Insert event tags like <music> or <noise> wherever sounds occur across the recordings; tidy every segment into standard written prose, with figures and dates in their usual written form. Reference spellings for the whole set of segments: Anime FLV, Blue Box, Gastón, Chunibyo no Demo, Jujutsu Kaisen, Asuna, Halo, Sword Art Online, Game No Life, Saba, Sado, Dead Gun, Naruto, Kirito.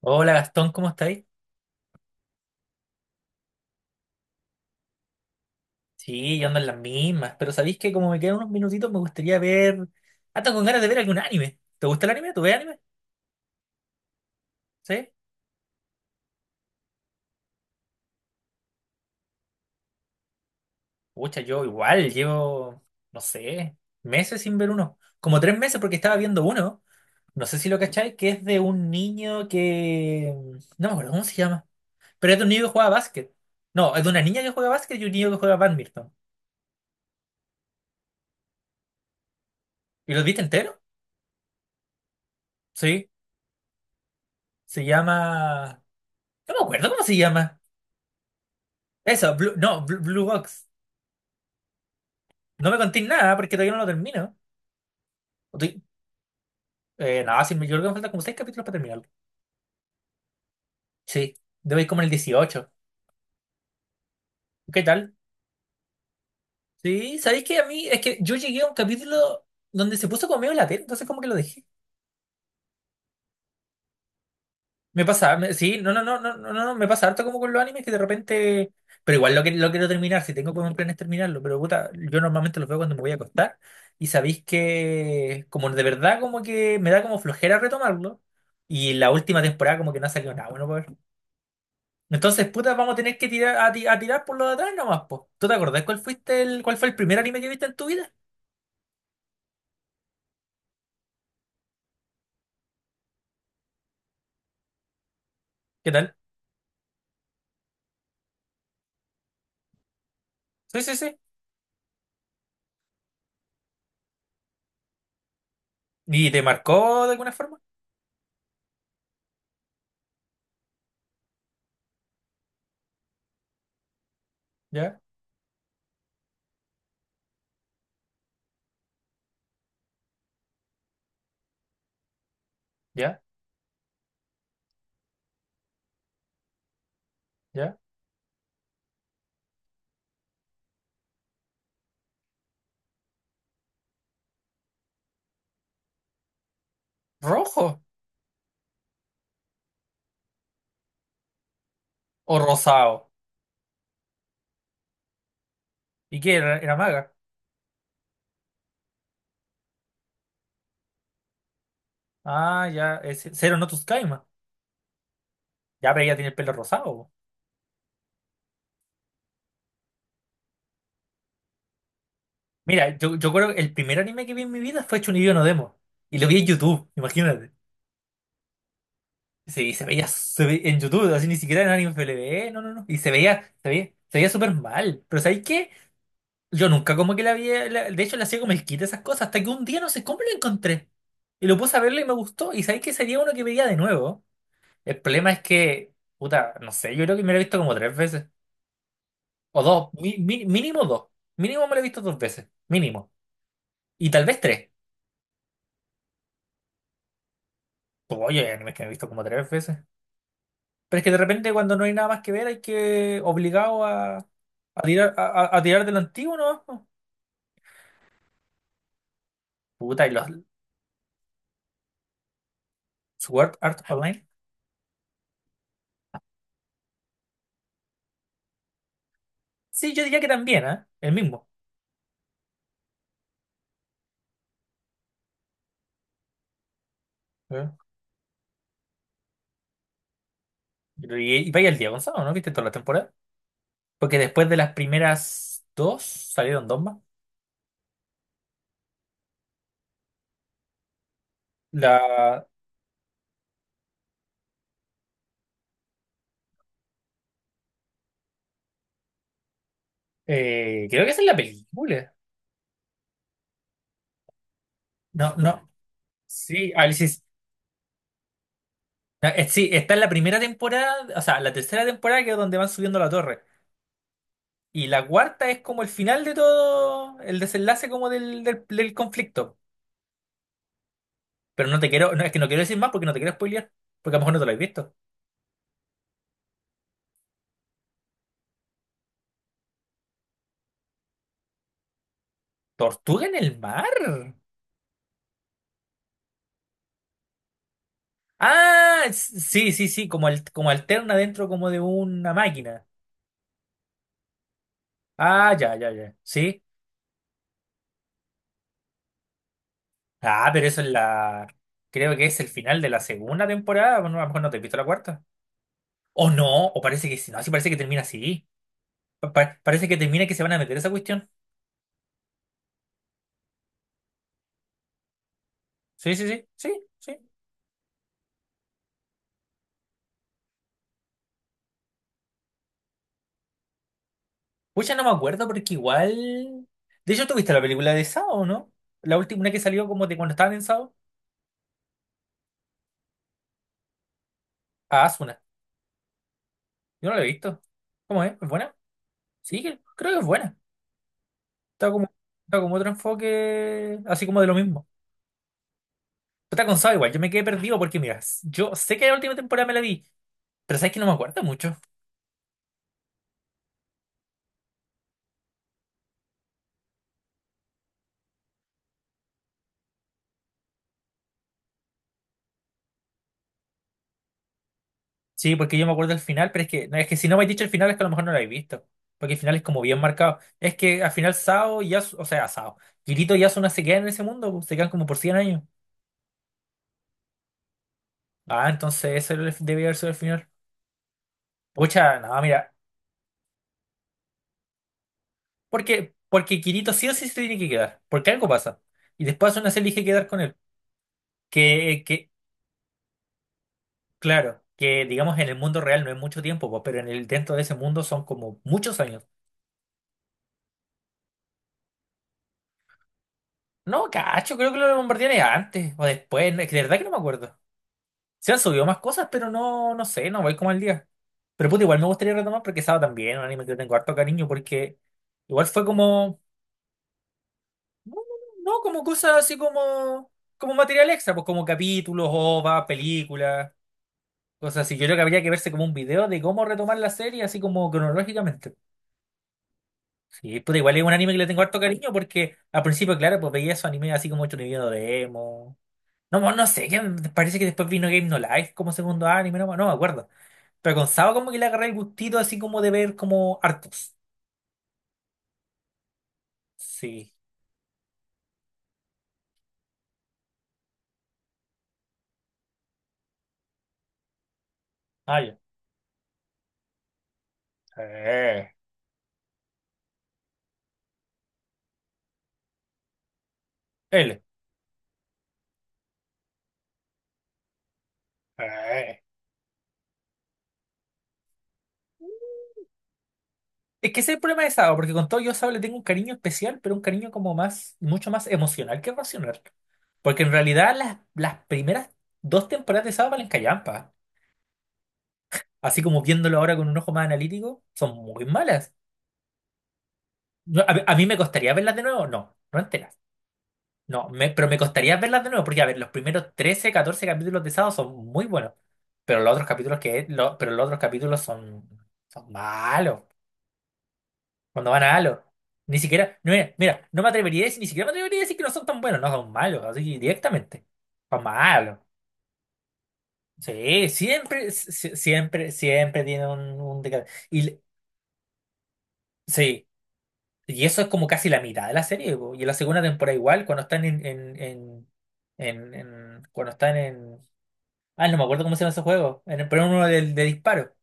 Hola Gastón, ¿cómo estáis? Sí, yo ando en las mismas, pero sabéis que como me quedan unos minutitos me gustaría ver hasta con ganas de ver algún anime. ¿Te gusta el anime? ¿Tú ves anime? Sí. Pucha, yo igual llevo, no sé, meses sin ver uno. Como 3 meses porque estaba viendo uno. No sé si lo cacháis, que es de un niño que. No me acuerdo cómo se llama. Pero es de un niño que juega básquet. No, es de una niña que juega básquet y un niño que juega badminton. ¿Y lo viste entero? Sí. Se llama. No me acuerdo cómo se llama. Eso, Blue, no, Blue Box. No me contéis nada porque todavía no lo termino. Estoy- no, sí, yo creo que me faltan como seis capítulos para terminarlo. Sí, debo ir como en el 18. ¿Qué tal? Sí, ¿sabéis que a mí? Es que yo llegué a un capítulo donde se puso como medio latente, entonces como que lo dejé. Me pasa, sí, no, no, no, no, no, no, no, me pasa harto como con los animes que de repente. Pero igual lo quiero terminar, si tengo como un plan es terminarlo, pero puta, yo normalmente los veo cuando me voy a acostar y sabéis que como de verdad como que me da como flojera retomarlo y la última temporada como que no ha salido nada bueno. Entonces, puta, vamos a tener que tirar a tirar por lo de atrás nomás, po. ¿Tú te acordás cuál fue el primer anime que viste en tu vida? ¿Qué tal? Sí, sí, sí. ¿Y te marcó de alguna forma? Ya, ya, ya. ¿Rojo o rosado? ¿Y qué era? ¿Era maga? Ah, ya, es Zero no tus Kaima. Ya, pero ella tiene el pelo rosado, po. Mira, yo creo que el primer anime que vi en mi vida fue Chunibyo no Demo. Y lo vi en YouTube, imagínate. Sí, se veía se ve- en YouTube, así ni siquiera en Anime FLV, no, no, no. Y se veía súper mal. Pero ¿sabéis qué? Yo nunca como que de hecho la hacía como el kit de esas cosas, hasta que un día no sé cómo lo encontré. Y lo puse a verlo y me gustó. Y sabéis que sería uno que veía de nuevo. El problema es que, puta, no sé, yo creo que me lo he visto como tres veces. O dos, mínimo dos. Mínimo me lo he visto dos veces, mínimo. Y tal vez tres. Pues, oye, hay animes que me he visto como tres veces. Pero es que de repente cuando no hay nada más que ver hay que obligado a tirar de lo antiguo, ¿no? Puta, y los Sword Art Online. Sí, yo diría que también, ¿eh? El mismo. Y vaya el Diego Gonzalo, ¿no? ¿Viste toda la temporada? Porque después de las primeras dos salieron dos más. La, creo que esa es la película. No, no. Sí, Alice. No, sí, está en la primera temporada, o sea, la tercera temporada que es donde van subiendo la torre. Y la cuarta es como el final de todo, el desenlace como del conflicto. Pero no te quiero, no, es que no quiero decir más porque no te quiero spoilear, porque a lo mejor no te lo has visto. ¿Tortuga en el mar? Ah, sí, sí, sí, como, como alterna dentro como de una máquina. Ah, ya, ya, ya. Sí. Ah, pero eso es la. Creo que es el final de la segunda temporada. Bueno, a lo mejor no te he visto la cuarta. O no, o parece que sí. No, sí, parece que termina así. Parece que termina que se van a meter esa cuestión. Sí, sí, sí, sí, sí. Pucha, no me acuerdo porque igual. De hecho, tú viste la película de Sao, ¿no? La última una que salió como de cuando estaban en Sao. Ah, Asuna. Yo no la he visto. ¿Cómo es? ¿Es buena? Sí, creo que es buena. Está como, Está como otro enfoque, así como de lo mismo. Pero está con Saw igual, yo me quedé perdido porque, mira, yo sé que la última temporada me la vi, pero sabes que no me acuerdo mucho. Sí, porque yo me acuerdo del final, pero es que, no, es que si no me has dicho el final es que a lo mejor no lo habéis visto. Porque el final es como bien marcado. Es que al final Sao y Yasu, o sea, Sao, Kirito y Asuna se quedan en ese mundo, pues, se quedan como por 100 años. Ah, entonces ese era debe haber sido el final. Pucha, no, mira, porque Kirito sí o sí se tiene que quedar, porque algo pasa. Y después Asuna se elige quedar con él. Que Claro, que digamos en el mundo real no es mucho tiempo, pues, pero en el dentro de ese mundo son como muchos años. No, cacho, creo que lo bombardearon antes o después, no, es que de verdad que no me acuerdo. Se han subido más cosas, pero no, no sé, no voy como al día. Pero puta, igual me gustaría retomar porque estaba también un anime que le tengo harto cariño porque igual fue como, no, no, no, como cosas así como material extra, pues como capítulos, o OVA, películas, cosas así. Yo creo que habría que verse como un video de cómo retomar la serie así como cronológicamente. Sí, puta, igual es un anime que le tengo harto cariño porque al principio, claro, pues veía esos animes así como hecho video de emo. No, no sé, que me parece que después vino Game No Life como segundo anime, no, no me acuerdo. Pero con Saba como que le agarré el gustito así como de ver como hartos. Sí. Ah, ya. Eh, él. Eh. Es que ese es el problema de Saba, porque con todo yo a Saba le tengo un cariño especial, pero un cariño como más, mucho más emocional que racional. Porque en realidad las primeras dos temporadas de Saba valen callampa, así como viéndolo ahora con un ojo más analítico, son muy malas. A mí me costaría verlas de nuevo, no, no enteras. No, pero me costaría verlas de nuevo, porque a ver, los primeros 13 14 capítulos de Sado son muy buenos, pero los otros capítulos pero los otros capítulos son, malos, cuando van a Halo. Ni siquiera, no, mira, mira, no me atrevería a decir, ni siquiera me atrevería a decir que no son tan buenos, no son malos, así directamente. Son malos. Sí, siempre, siempre tiene un deca-. Sí, y eso es como casi la mitad de la serie, po. Y en la segunda temporada igual, cuando están en. Ah, no me acuerdo cómo se llama ese juego. En el, pero uno de disparo.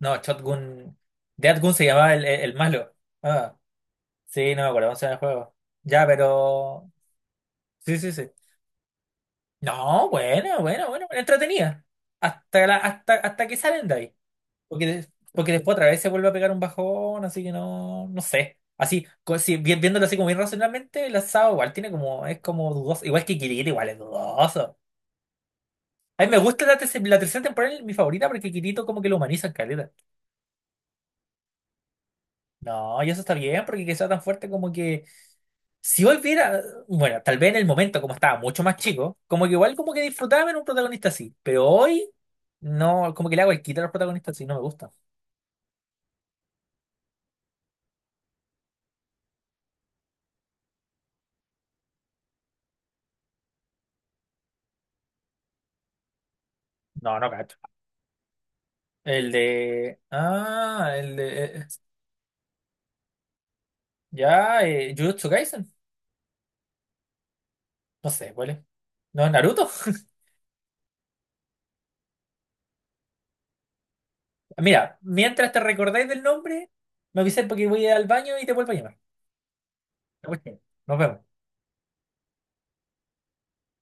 No, Shotgun. Dead Gun se llamaba el malo. Ah, sí, no me acuerdo cómo se llama el juego. Ya, pero. Sí, sí, sí. No, bueno, bueno, bueno, entretenida. Hasta que salen de ahí. Porque, porque después otra vez se vuelve a pegar un bajón, así que no, no sé. Así, co- si, vi- viéndolo así como bien racionalmente, el asado igual tiene como, es como dudoso. Igual que Kirito, igual es dudoso. A mí me gusta la tercera temporada, es mi favorita, porque Kirito como que lo humaniza en caleta. No, y eso está bien, porque que sea tan fuerte como que. Si volviera, bueno, tal vez en el momento, como estaba mucho más chico, como que igual como que disfrutaba en un protagonista así. Pero hoy, no, como que le hago el quita a los protagonistas así, no me gusta. No, no cacho. El de. Ah, el de. Ya, Jujutsu Kaisen. No sé, ¿cuál es? ¿No es Naruto? <laughs> Mira, mientras te recordáis del nombre, me avisáis porque voy al baño y te vuelvo a llamar. Ya, pues, nos vemos.